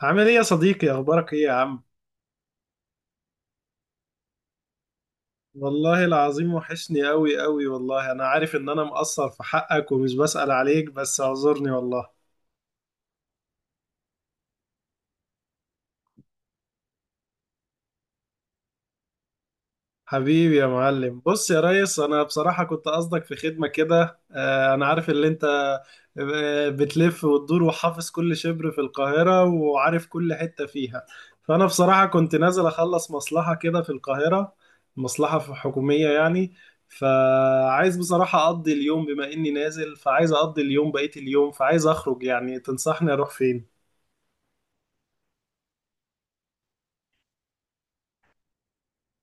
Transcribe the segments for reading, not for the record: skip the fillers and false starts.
عامل ايه يا صديقي؟ اخبارك ايه يا عم؟ والله العظيم وحشني قوي قوي والله. انا عارف ان انا مقصر في حقك ومش بسأل عليك، بس اعذرني والله. حبيبي يا معلم. بص يا ريس، انا بصراحة كنت قصدك في خدمة كده. انا عارف اللي انت بتلف وتدور وحافظ كل شبر في القاهرة وعارف كل حتة فيها. فانا بصراحة كنت نازل اخلص مصلحة كده في القاهرة. مصلحة حكومية يعني. فعايز بصراحة اقضي اليوم، بما اني نازل، فعايز اقضي اليوم بقية اليوم، فعايز اخرج. يعني تنصحني اروح فين؟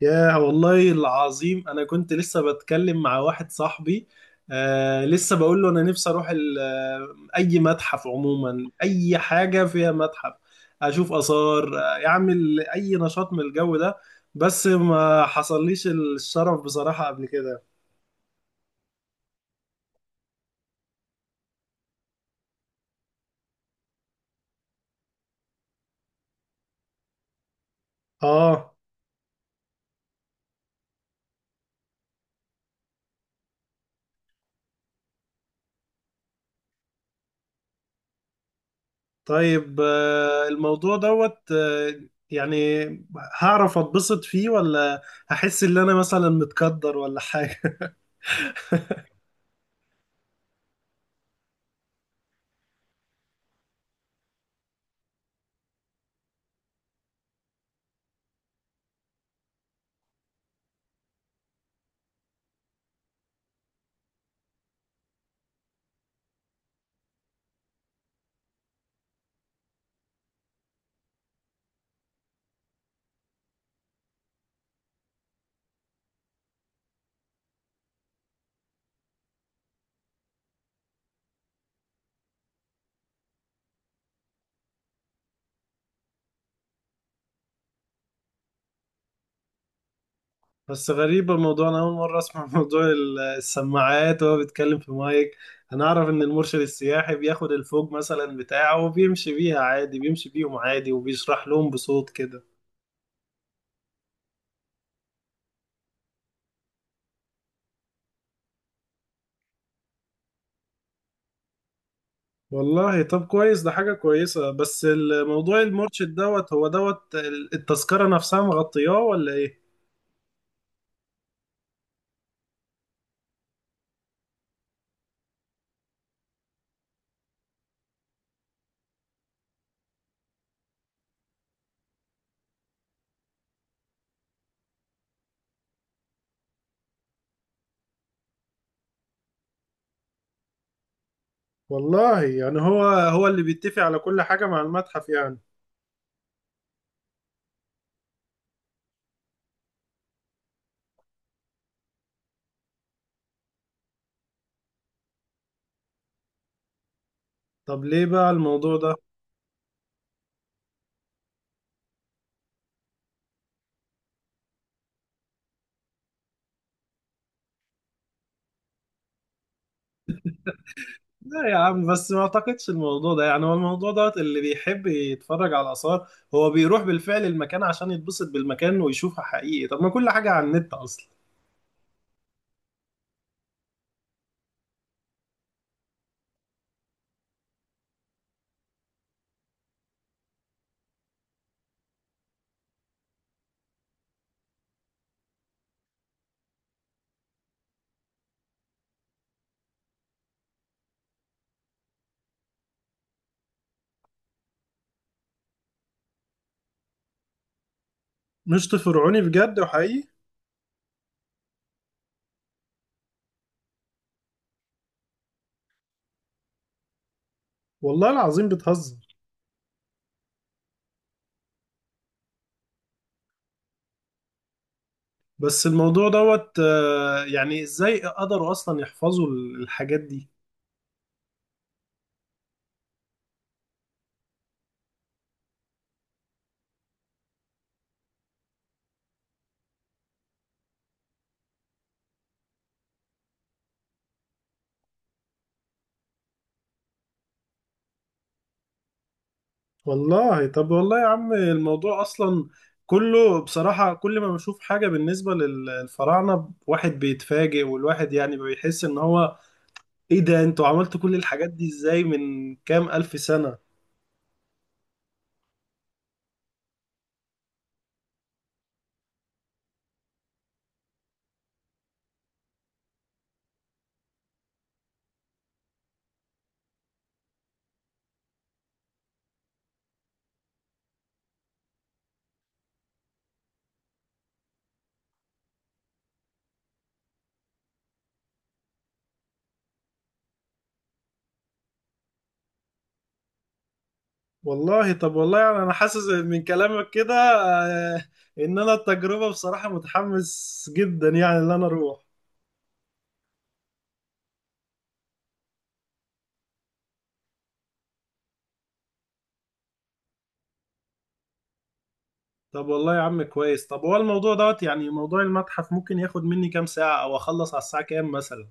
يا والله العظيم انا كنت لسه بتكلم مع واحد صاحبي. آه، لسه بقول له انا نفسي اروح اي متحف عموما، اي حاجه فيها متحف اشوف اثار. يعمل اي نشاط من الجو ده، بس ما حصليش الشرف بصراحه قبل كده. اه. طيب، الموضوع دوت، يعني هعرف اتبسط فيه ولا هحس ان انا مثلا متقدر ولا حاجه؟ بس غريبة الموضوع، أنا أول مرة أسمع موضوع السماعات وهو بيتكلم في مايك. أنا أعرف إن المرشد السياحي بياخد الفوج مثلا بتاعه، وبيمشي بيها عادي بيمشي بيهم عادي وبيشرح لهم بصوت كده. والله طب كويس، ده حاجة كويسة. بس الموضوع المرشد دوت، هو دوت التذكرة نفسها مغطياه ولا إيه؟ والله يعني، هو اللي بيتفق على كل حاجة مع المتحف يعني. طب ليه بقى الموضوع ده؟ لا يا عم، بس ما اعتقدش الموضوع ده. يعني هو الموضوع دوت، اللي بيحب يتفرج على آثار هو بيروح بالفعل المكان عشان يتبسط بالمكان ويشوفها حقيقي. طب ما كل حاجة على النت أصلا. مش فرعوني بجد وحقيقي؟ والله العظيم بتهزر! بس الموضوع دوت، يعني ازاي قدروا أصلا يحفظوا الحاجات دي؟ والله طب، والله يا عم الموضوع أصلا كله بصراحة، كل ما بشوف حاجة بالنسبة للفراعنة واحد بيتفاجئ. والواحد يعني بيحس إن هو ايه ده، انتوا عملتوا كل الحاجات دي ازاي من كام الف سنة؟ والله طب، والله يعني انا حاسس من كلامك كده، آه، ان انا التجربة بصراحة متحمس جدا يعني ان انا اروح. طب والله يا عم كويس. طب هو الموضوع دوت، يعني موضوع المتحف ممكن ياخد مني كام ساعة، او اخلص على الساعة كام مثلا؟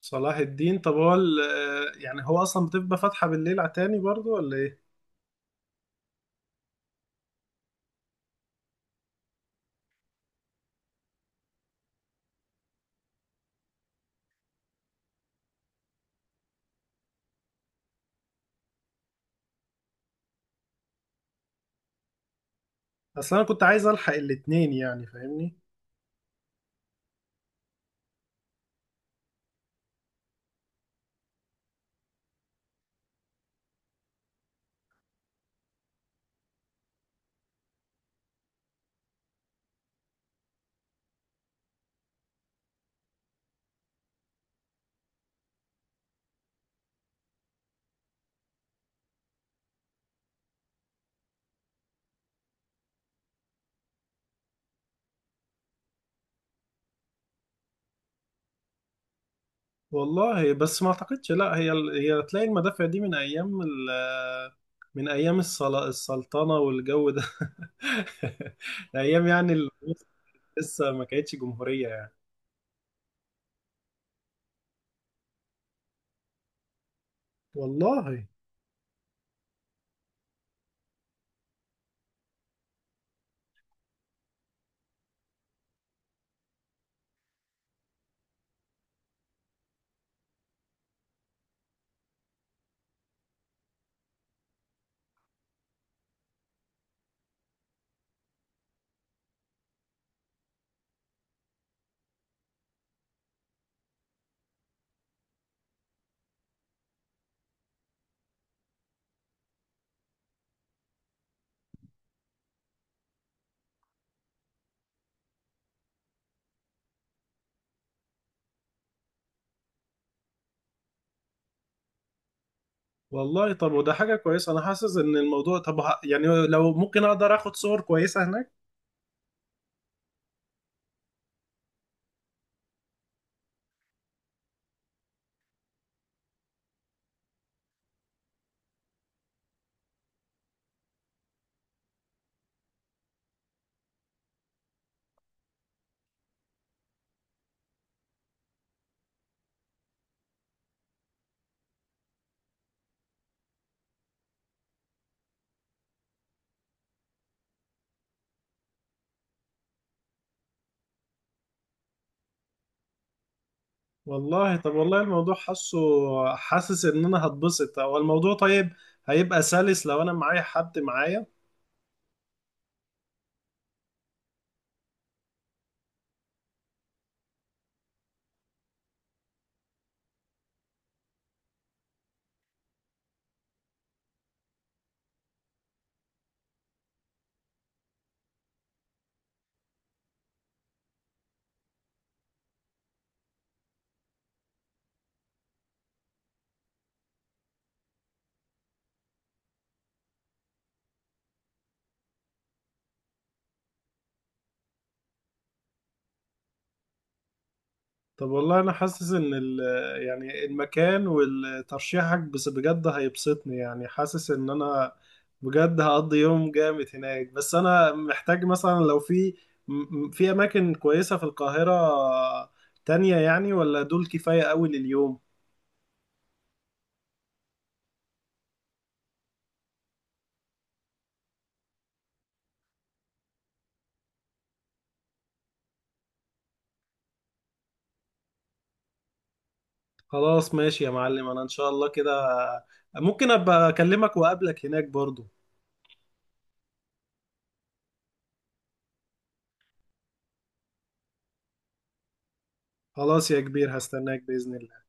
صلاح الدين، طب هو يعني هو اصلا بتبقى فاتحة بالليل على تاني برضو ولا ايه؟ اصلا انا كنت عايز الحق الاتنين يعني، فاهمني؟ والله بس ما اعتقدش، لا، هي تلاقي المدافع دي من ايام السلطنه والجو ده ايام يعني لسه ما كانتش جمهوريه يعني. والله. والله طب، وده حاجه كويسه. انا حاسس ان الموضوع طب يعني لو ممكن اقدر اخد صور كويسه هناك؟ والله طب، والله الموضوع حاسس ان انا هتبسط. هو الموضوع طيب هيبقى سلس لو انا معايا حد معايا. طب والله انا حاسس ان يعني المكان والترشيحك بس بجد هيبسطني. يعني حاسس ان انا بجد هقضي يوم جامد هناك. بس انا محتاج مثلا، لو في في اماكن كويسة في القاهرة تانية يعني، ولا دول كفاية قوي لليوم؟ خلاص ماشي يا معلم، انا ان شاء الله كده ممكن ابقى اكلمك واقابلك هناك برضو. خلاص يا كبير، هستناك بإذن الله.